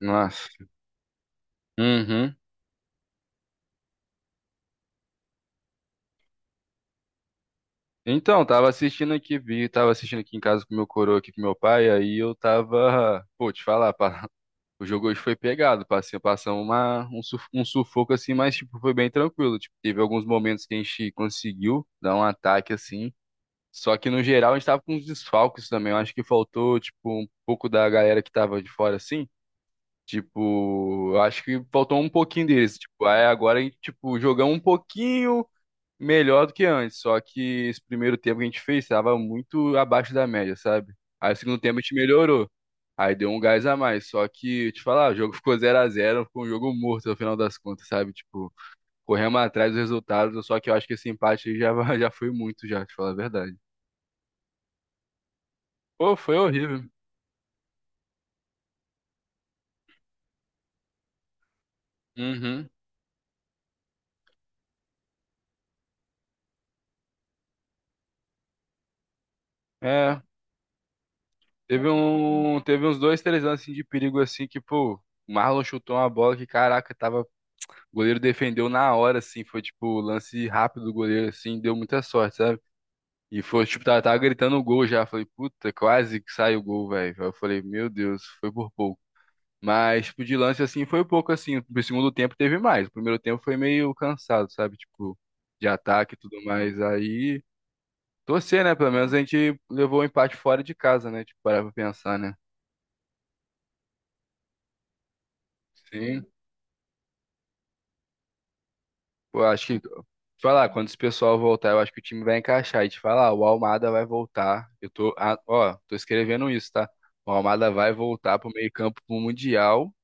Nossa. Uhum. Então, tava assistindo aqui em casa com meu coroa aqui com meu pai, aí eu tava, pô, te falar, pá, o jogo hoje foi pegado, passamos um sufoco assim, mas tipo foi bem tranquilo, tipo, teve alguns momentos que a gente conseguiu dar um ataque assim, só que no geral a gente tava com uns desfalques também, eu acho que faltou tipo um pouco da galera que tava de fora assim. Tipo, eu acho que faltou um pouquinho deles. Tipo, aí agora a gente, tipo, jogamos um pouquinho, melhor do que antes, só que esse primeiro tempo que a gente fez estava muito abaixo da média, sabe? Aí o segundo tempo a gente melhorou. Aí deu um gás a mais, só que, te falar, o jogo ficou zero a zero, ficou um jogo morto no final das contas, sabe? Tipo, corremos atrás dos resultados, só que eu acho que esse empate aí já, já foi muito já, te falar a verdade. Pô, foi horrível. Uhum. É, teve uns dois, três anos assim de perigo assim que, pô, o Marlon chutou uma bola que, caraca, tava o goleiro defendeu na hora, assim, foi tipo lance rápido do goleiro, assim, deu muita sorte, sabe? E foi, tipo, tava gritando o gol já. Falei, puta, quase que sai o gol, velho. Aí eu falei, meu Deus, foi por pouco. Mas, tipo, de lance assim, foi pouco assim. No segundo tempo teve mais. O primeiro tempo foi meio cansado, sabe? Tipo, de ataque e tudo mais. Aí, torcer, né? Pelo menos a gente levou o empate fora de casa, né? Tipo, parar pra pensar, né? Sim. Eu acho que, falar, quando esse pessoal voltar, eu acho que o time vai encaixar. E te falar, o Almada vai voltar. Eu tô, ah, ó, tô escrevendo isso, tá? O Almada vai voltar pro meio-campo pro Mundial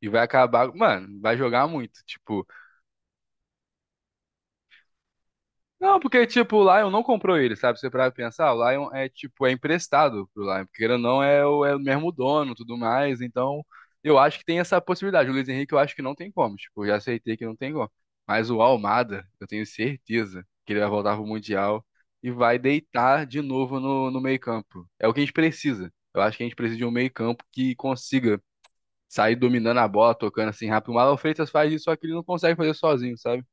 e vai acabar, mano, vai jogar muito. Tipo, não, porque, tipo, o Lion não comprou ele, sabe? Você para pensar, o Lion é, tipo, é emprestado pro Lion, porque querendo ou não, é o mesmo dono, tudo mais, então eu acho que tem essa possibilidade. O Luiz Henrique eu acho que não tem como, tipo, eu já aceitei que não tem como. Mas o Almada, eu tenho certeza que ele vai voltar pro Mundial e vai deitar de novo no meio-campo. É o que a gente precisa. Eu acho que a gente precisa de um meio-campo que consiga sair dominando a bola, tocando assim rápido. O Marlon Freitas faz isso, só que ele não consegue fazer sozinho, sabe?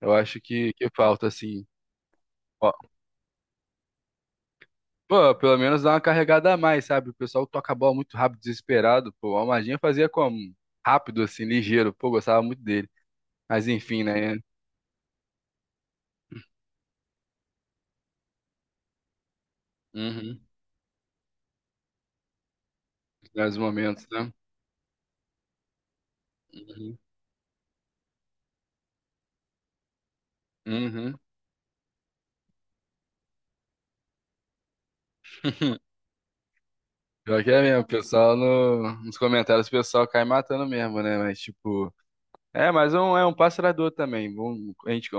Eu acho que falta, assim. Pô, pelo menos dá uma carregada a mais, sabe? O pessoal toca a bola muito rápido, desesperado. Pô, o Almadinha fazia como? Rápido, assim, ligeiro. Pô, gostava muito dele. Mas enfim, né? Uhum. Nos momentos, né? Uhum. Uhum. Pior que é mesmo, o pessoal nos comentários, o pessoal cai matando mesmo, né? Mas, tipo, é, mas é um passe largador também. Um- a gente,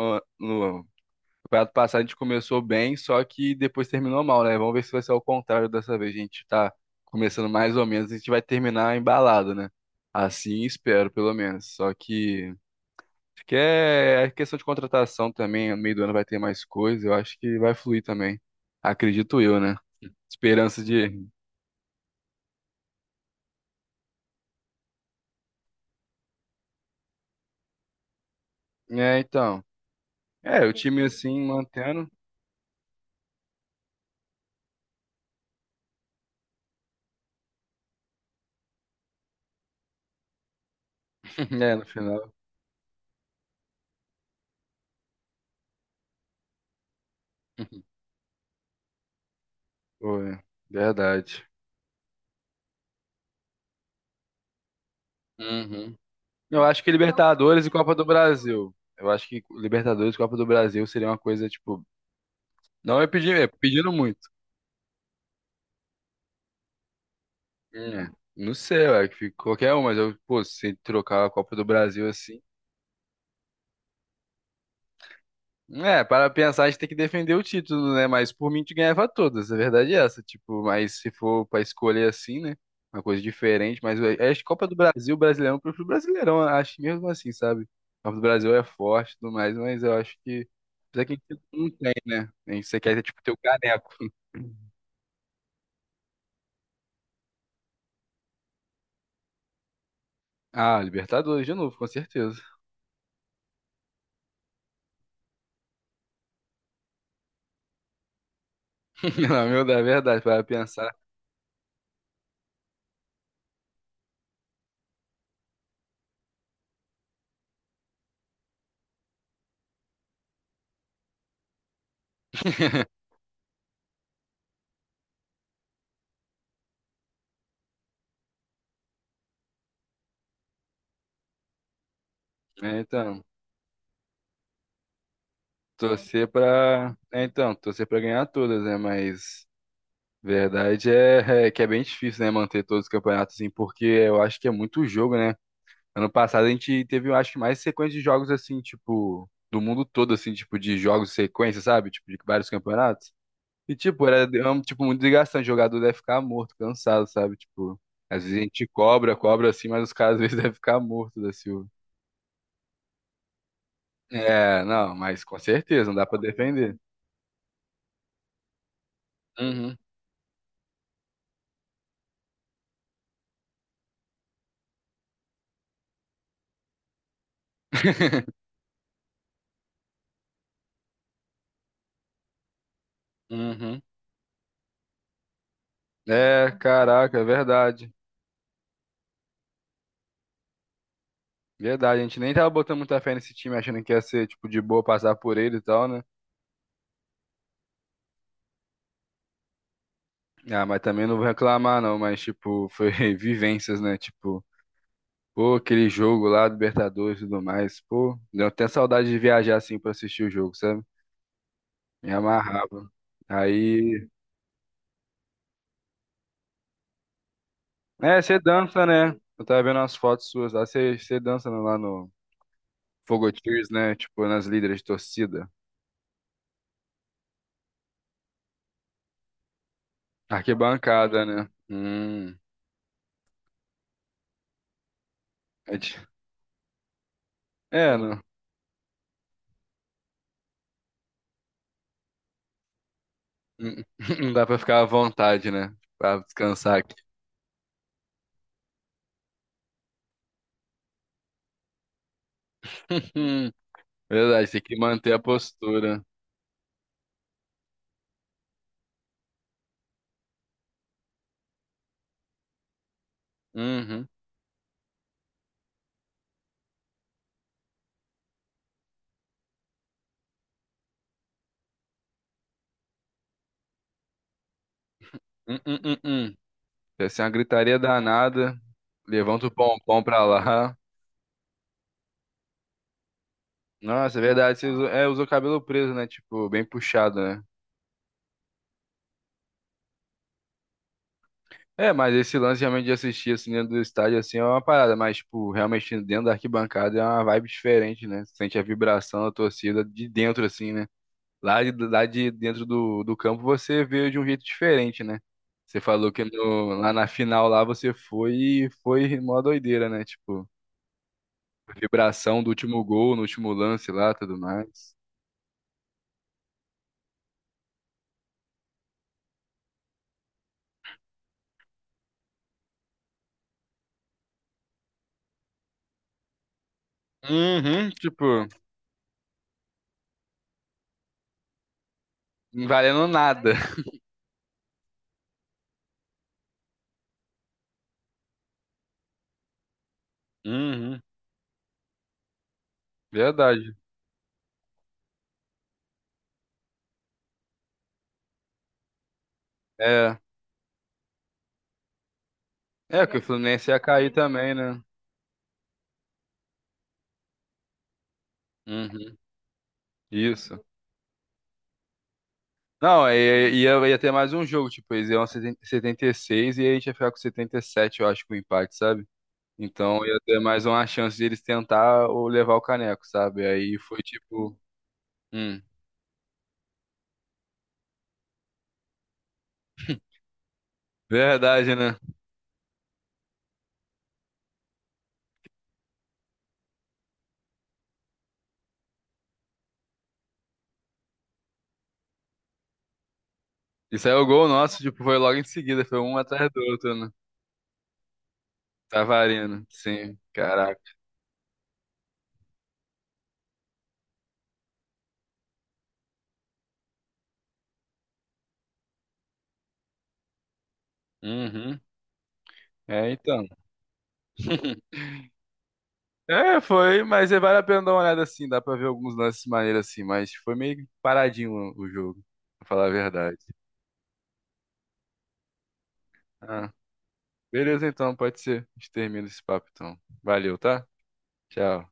campeonato passado a gente começou bem, só que depois terminou mal, né? Vamos ver se vai ser ao contrário dessa vez. A gente tá começando mais ou menos, a gente vai terminar embalado, né? Assim espero, pelo menos. Só que, acho que é questão de contratação também. No meio do ano vai ter mais coisa. Eu acho que vai fluir também. Acredito eu, né? Esperança de. É, então. É, o time assim mantendo. É, no final. Pô, é verdade. Uhum. Eu acho que Libertadores e Copa do Brasil. Eu acho que Libertadores e Copa do Brasil seria uma coisa, tipo. Não é pedir, é pedindo muito. É. Não sei, ué, que fica qualquer um, mas eu, pô, se trocar a Copa do Brasil assim. É, para pensar, a gente tem que defender o título, né? Mas por mim, a gente ganhava todas, a verdade é essa. Tipo, mas se for para escolher assim, né? Uma coisa diferente, mas é a Copa do Brasil, Brasileirão, eu prefiro Brasileirão, acho que mesmo assim, sabe? A Copa do Brasil é forte e tudo mais, mas eu acho que. Apesar que a gente não tem, né? A gente você quer, tipo, ter o caneco. Ah, Libertadores de novo, com certeza. Na meu da verdade, para pensar. É, então, torcer pra. É, então, torcer pra ganhar todas, né? Mas. Verdade é, é que é bem difícil, né, manter todos os campeonatos assim, porque eu acho que é muito jogo, né? Ano passado a gente teve, eu acho que mais sequência de jogos assim, tipo, do mundo todo, assim, tipo, de jogos sequência, sabe? Tipo, de vários campeonatos. E, tipo, era, é um, tipo, muito desgastante. O jogador deve ficar morto, cansado, sabe? Tipo, às vezes a gente cobra, cobra assim, mas os caras às vezes devem ficar mortos da Silva. É, não, mas com certeza, não dá pra defender. Uhum. Uhum. É, caraca, é verdade. Verdade, a gente nem tava botando muita fé nesse time, achando que ia ser, tipo, de boa passar por ele e tal, né? Ah, mas também não vou reclamar, não, mas, tipo, foi vivências, né? Tipo, pô, aquele jogo lá, Libertadores e tudo mais, pô, deu até saudade de viajar, assim, pra assistir o jogo, sabe? Me amarrava. Aí, é, você dança, né? Eu tava vendo umas fotos suas lá, você dança lá no Fogotiers, né? Tipo, nas líderes de torcida. Arquibancada, né? É, di- é, não. Hum. Não dá pra ficar à vontade, né? Pra descansar aqui. Verdade, tem que manter a postura. Uhum. Hum, hum, hum, hum. Deve ser uma gritaria danada. Levanta o pompom pra lá. Nossa, é verdade, você usou, é, usou o cabelo preso, né? Tipo, bem puxado, né? É, mas esse lance realmente de assistir assim dentro do estádio assim é uma parada, mas tipo, realmente dentro da arquibancada é uma vibe diferente, né? Sente a vibração da torcida de dentro assim, né? Lá, lá de dentro do, do campo você veio de um jeito diferente, né? Você falou que lá na final lá você foi e foi mó doideira, né? Tipo, vibração do último gol, no último lance lá, tudo mais. Uhum. Tipo, não valendo nada. Uhum. Verdade. É, é que o Fluminense ia cair também, né? Uhum. Isso. Não, ia ter mais um jogo, tipo, eles iam 76 e aí a gente ia ficar com 77 eu acho, com o empate, sabe? Então ia ter mais uma chance de eles tentar ou levar o caneco, sabe? Aí foi tipo. Hum, verdade, né? Isso aí é o gol nosso, tipo, foi logo em seguida, foi um atrás do outro, né? Tavarino, sim, caraca. Uhum. É, então. É, foi, mas é, vale a pena dar uma olhada assim, dá pra ver alguns lances maneiros assim, mas foi meio paradinho o jogo, pra falar a verdade. Ah, beleza então, pode ser. A gente termina esse papo então. Valeu, tá? Tchau.